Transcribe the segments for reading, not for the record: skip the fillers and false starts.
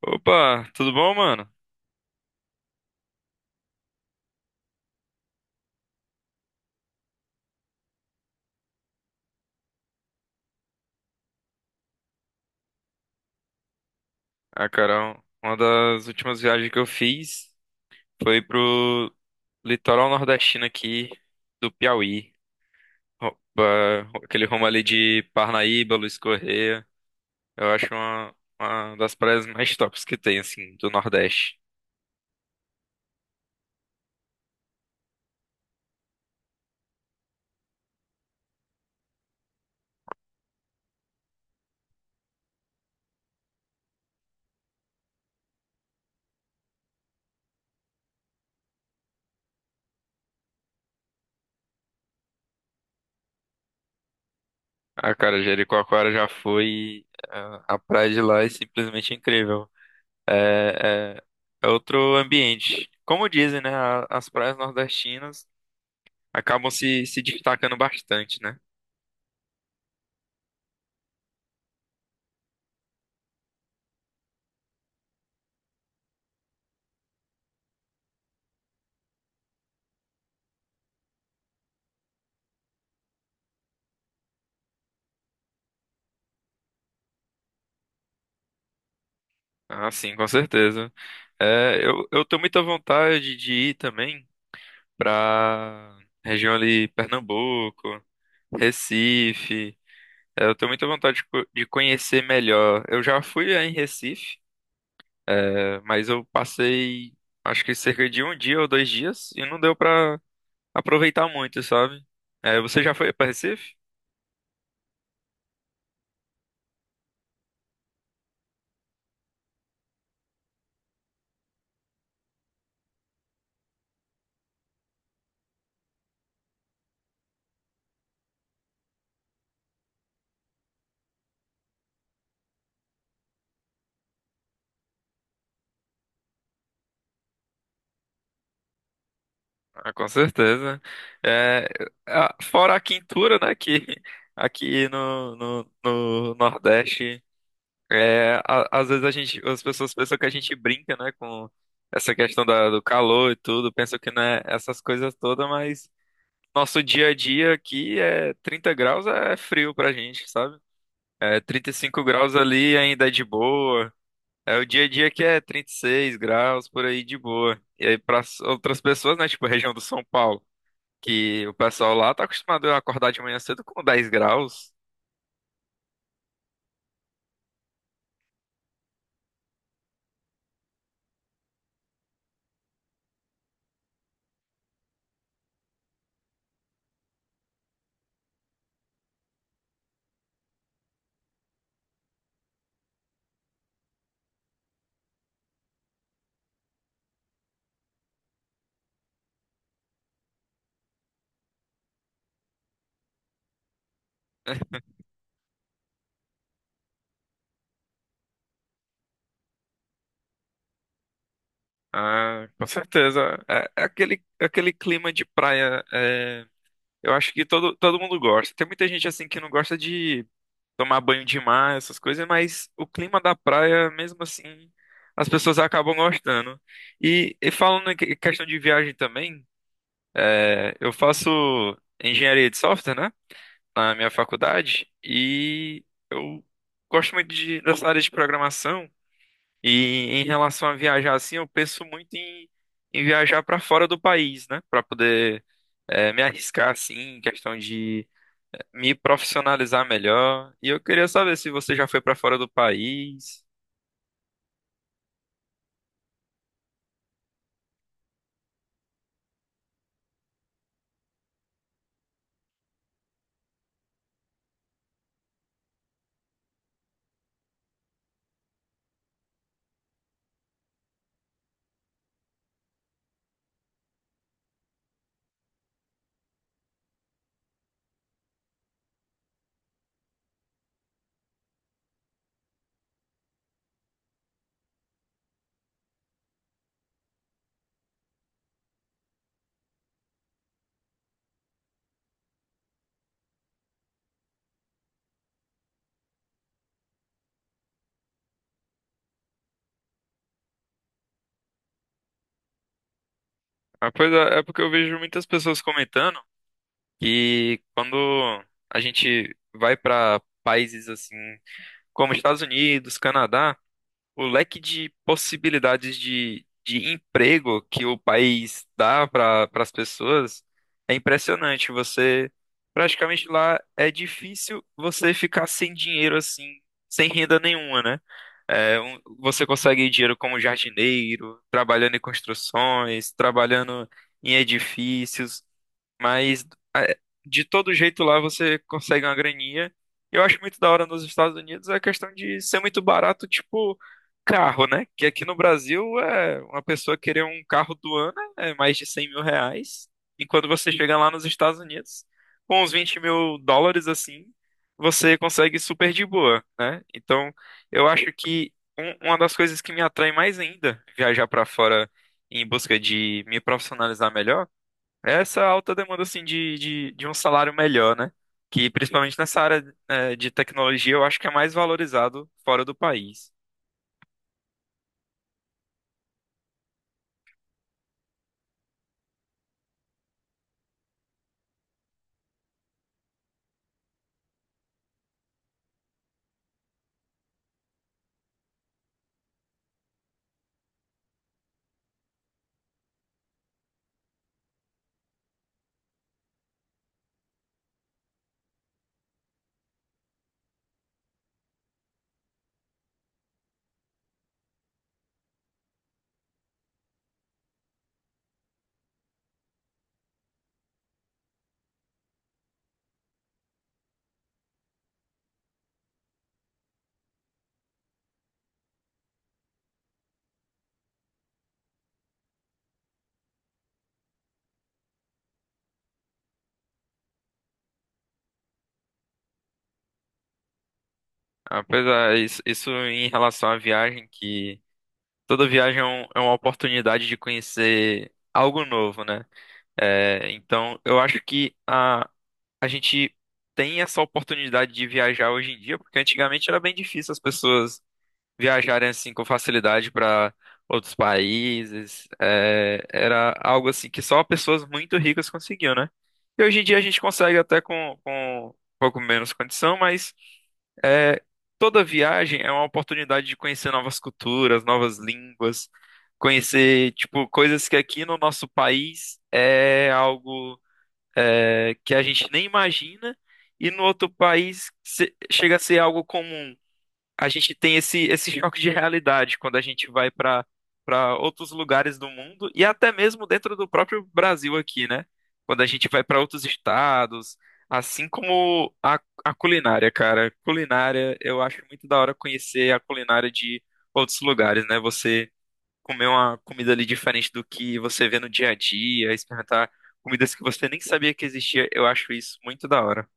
Opa, tudo bom, mano? Ah, cara, uma das últimas viagens que eu fiz foi pro litoral nordestino aqui do Piauí. Aquele rumo ali de Parnaíba, Luiz Correia. Eu acho uma das praias mais tops que tem, assim, do Nordeste. Ah, cara, Jericoacoara já foi. A praia de lá é simplesmente incrível. É, é, é outro ambiente. Como dizem, né? As praias nordestinas acabam se destacando bastante, né? Ah, sim, com certeza. É, eu tenho muita vontade de ir também pra região ali, Pernambuco, Recife. É, eu tenho muita vontade de conhecer melhor. Eu já fui aí em Recife, é, mas eu passei acho que cerca de um dia ou 2 dias e não deu pra aproveitar muito, sabe? É, você já foi pra Recife? Ah, com certeza. É, fora a quintura, né, que aqui no Nordeste. É, às vezes as pessoas pensam que a gente brinca, né, com essa questão do calor e tudo, pensam que não é essas coisas todas, mas nosso dia a dia aqui é 30 graus é frio pra gente, sabe? É 35 graus ali ainda é de boa. É o dia a dia que é 36 graus por aí de boa. E aí para outras pessoas, né, tipo a região do São Paulo, que o pessoal lá tá acostumado a acordar de manhã cedo com 10 graus. Né? Ah, com certeza. É, é aquele clima de praia. É, eu acho que todo mundo gosta. Tem muita gente assim que não gosta de tomar banho de mar, essas coisas, mas o clima da praia, mesmo assim, as pessoas acabam gostando. E falando em questão de viagem também, é, eu faço engenharia de software, né? Na minha faculdade, e eu gosto muito dessa área de programação. E em relação a viajar assim, eu penso muito em viajar para fora do país, né? Para poder me arriscar assim, em questão de me profissionalizar melhor. E eu queria saber se você já foi para fora do país. A coisa é porque eu vejo muitas pessoas comentando que quando a gente vai para países assim, como Estados Unidos, Canadá, o leque de possibilidades de emprego que o país dá para as pessoas é impressionante. Você praticamente lá é difícil você ficar sem dinheiro assim, sem renda nenhuma, né? É, você consegue dinheiro como jardineiro, trabalhando em construções, trabalhando em edifícios, mas é, de todo jeito lá você consegue uma graninha. Eu acho muito da hora nos Estados Unidos a questão de ser muito barato, tipo, carro, né? Que aqui no Brasil é uma pessoa querer um carro do ano é mais de R$ 100.000. E quando você chega lá nos Estados Unidos, com uns US$ 20.000 assim, você consegue super de boa, né? Então, eu acho que uma das coisas que me atrai mais ainda viajar para fora em busca de me profissionalizar melhor é essa alta demanda assim de um salário melhor, né? Que principalmente nessa área de tecnologia eu acho que é mais valorizado fora do país. Apesar, isso em relação à viagem, que toda viagem é uma oportunidade de conhecer algo novo, né? É, então, eu acho que a gente tem essa oportunidade de viajar hoje em dia, porque antigamente era bem difícil as pessoas viajarem assim com facilidade para outros países. É, era algo assim que só pessoas muito ricas conseguiam, né? E hoje em dia a gente consegue até com um pouco menos condição, mas. É, toda viagem é uma oportunidade de conhecer novas culturas, novas línguas, conhecer, tipo, coisas que aqui no nosso país é algo que a gente nem imagina e no outro país chega a ser algo comum. A gente tem esse choque de realidade quando a gente vai para outros lugares do mundo e até mesmo dentro do próprio Brasil aqui, né? Quando a gente vai para outros estados, assim como a culinária, cara. Culinária, eu acho muito da hora conhecer a culinária de outros lugares, né? Você comer uma comida ali diferente do que você vê no dia a dia, experimentar comidas que você nem sabia que existia, eu acho isso muito da hora.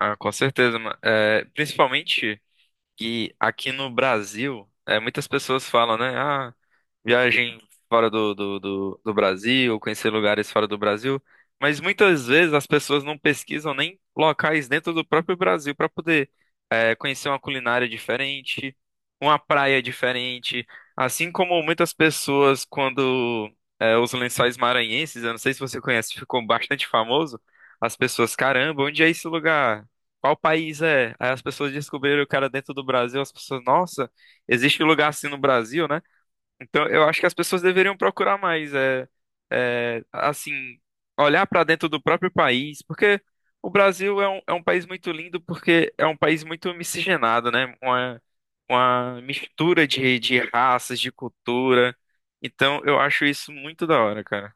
Ah, com certeza, mano. É, principalmente. E aqui no Brasil, é, muitas pessoas falam, né? Ah, viagem fora do Brasil, conhecer lugares fora do Brasil. Mas muitas vezes as pessoas não pesquisam nem locais dentro do próprio Brasil para poder conhecer uma culinária diferente, uma praia diferente. Assim como muitas pessoas, quando os Lençóis Maranhenses, eu não sei se você conhece, ficou bastante famoso, as pessoas, caramba, onde é esse lugar? Qual país é? Aí as pessoas descobriram o cara dentro do Brasil, as pessoas, nossa, existe um lugar assim no Brasil, né? Então eu acho que as pessoas deveriam procurar mais, assim, olhar para dentro do próprio país, porque o Brasil é um país muito lindo, porque é um país muito miscigenado, né? Uma mistura de raças, de cultura. Então eu acho isso muito da hora, cara.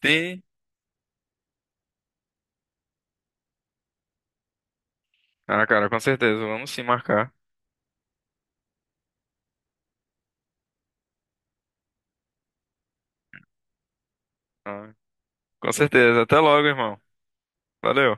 Tem... Ah, cara, com certeza, vamos sim marcar. Ah, com certeza, até logo, irmão. Valeu.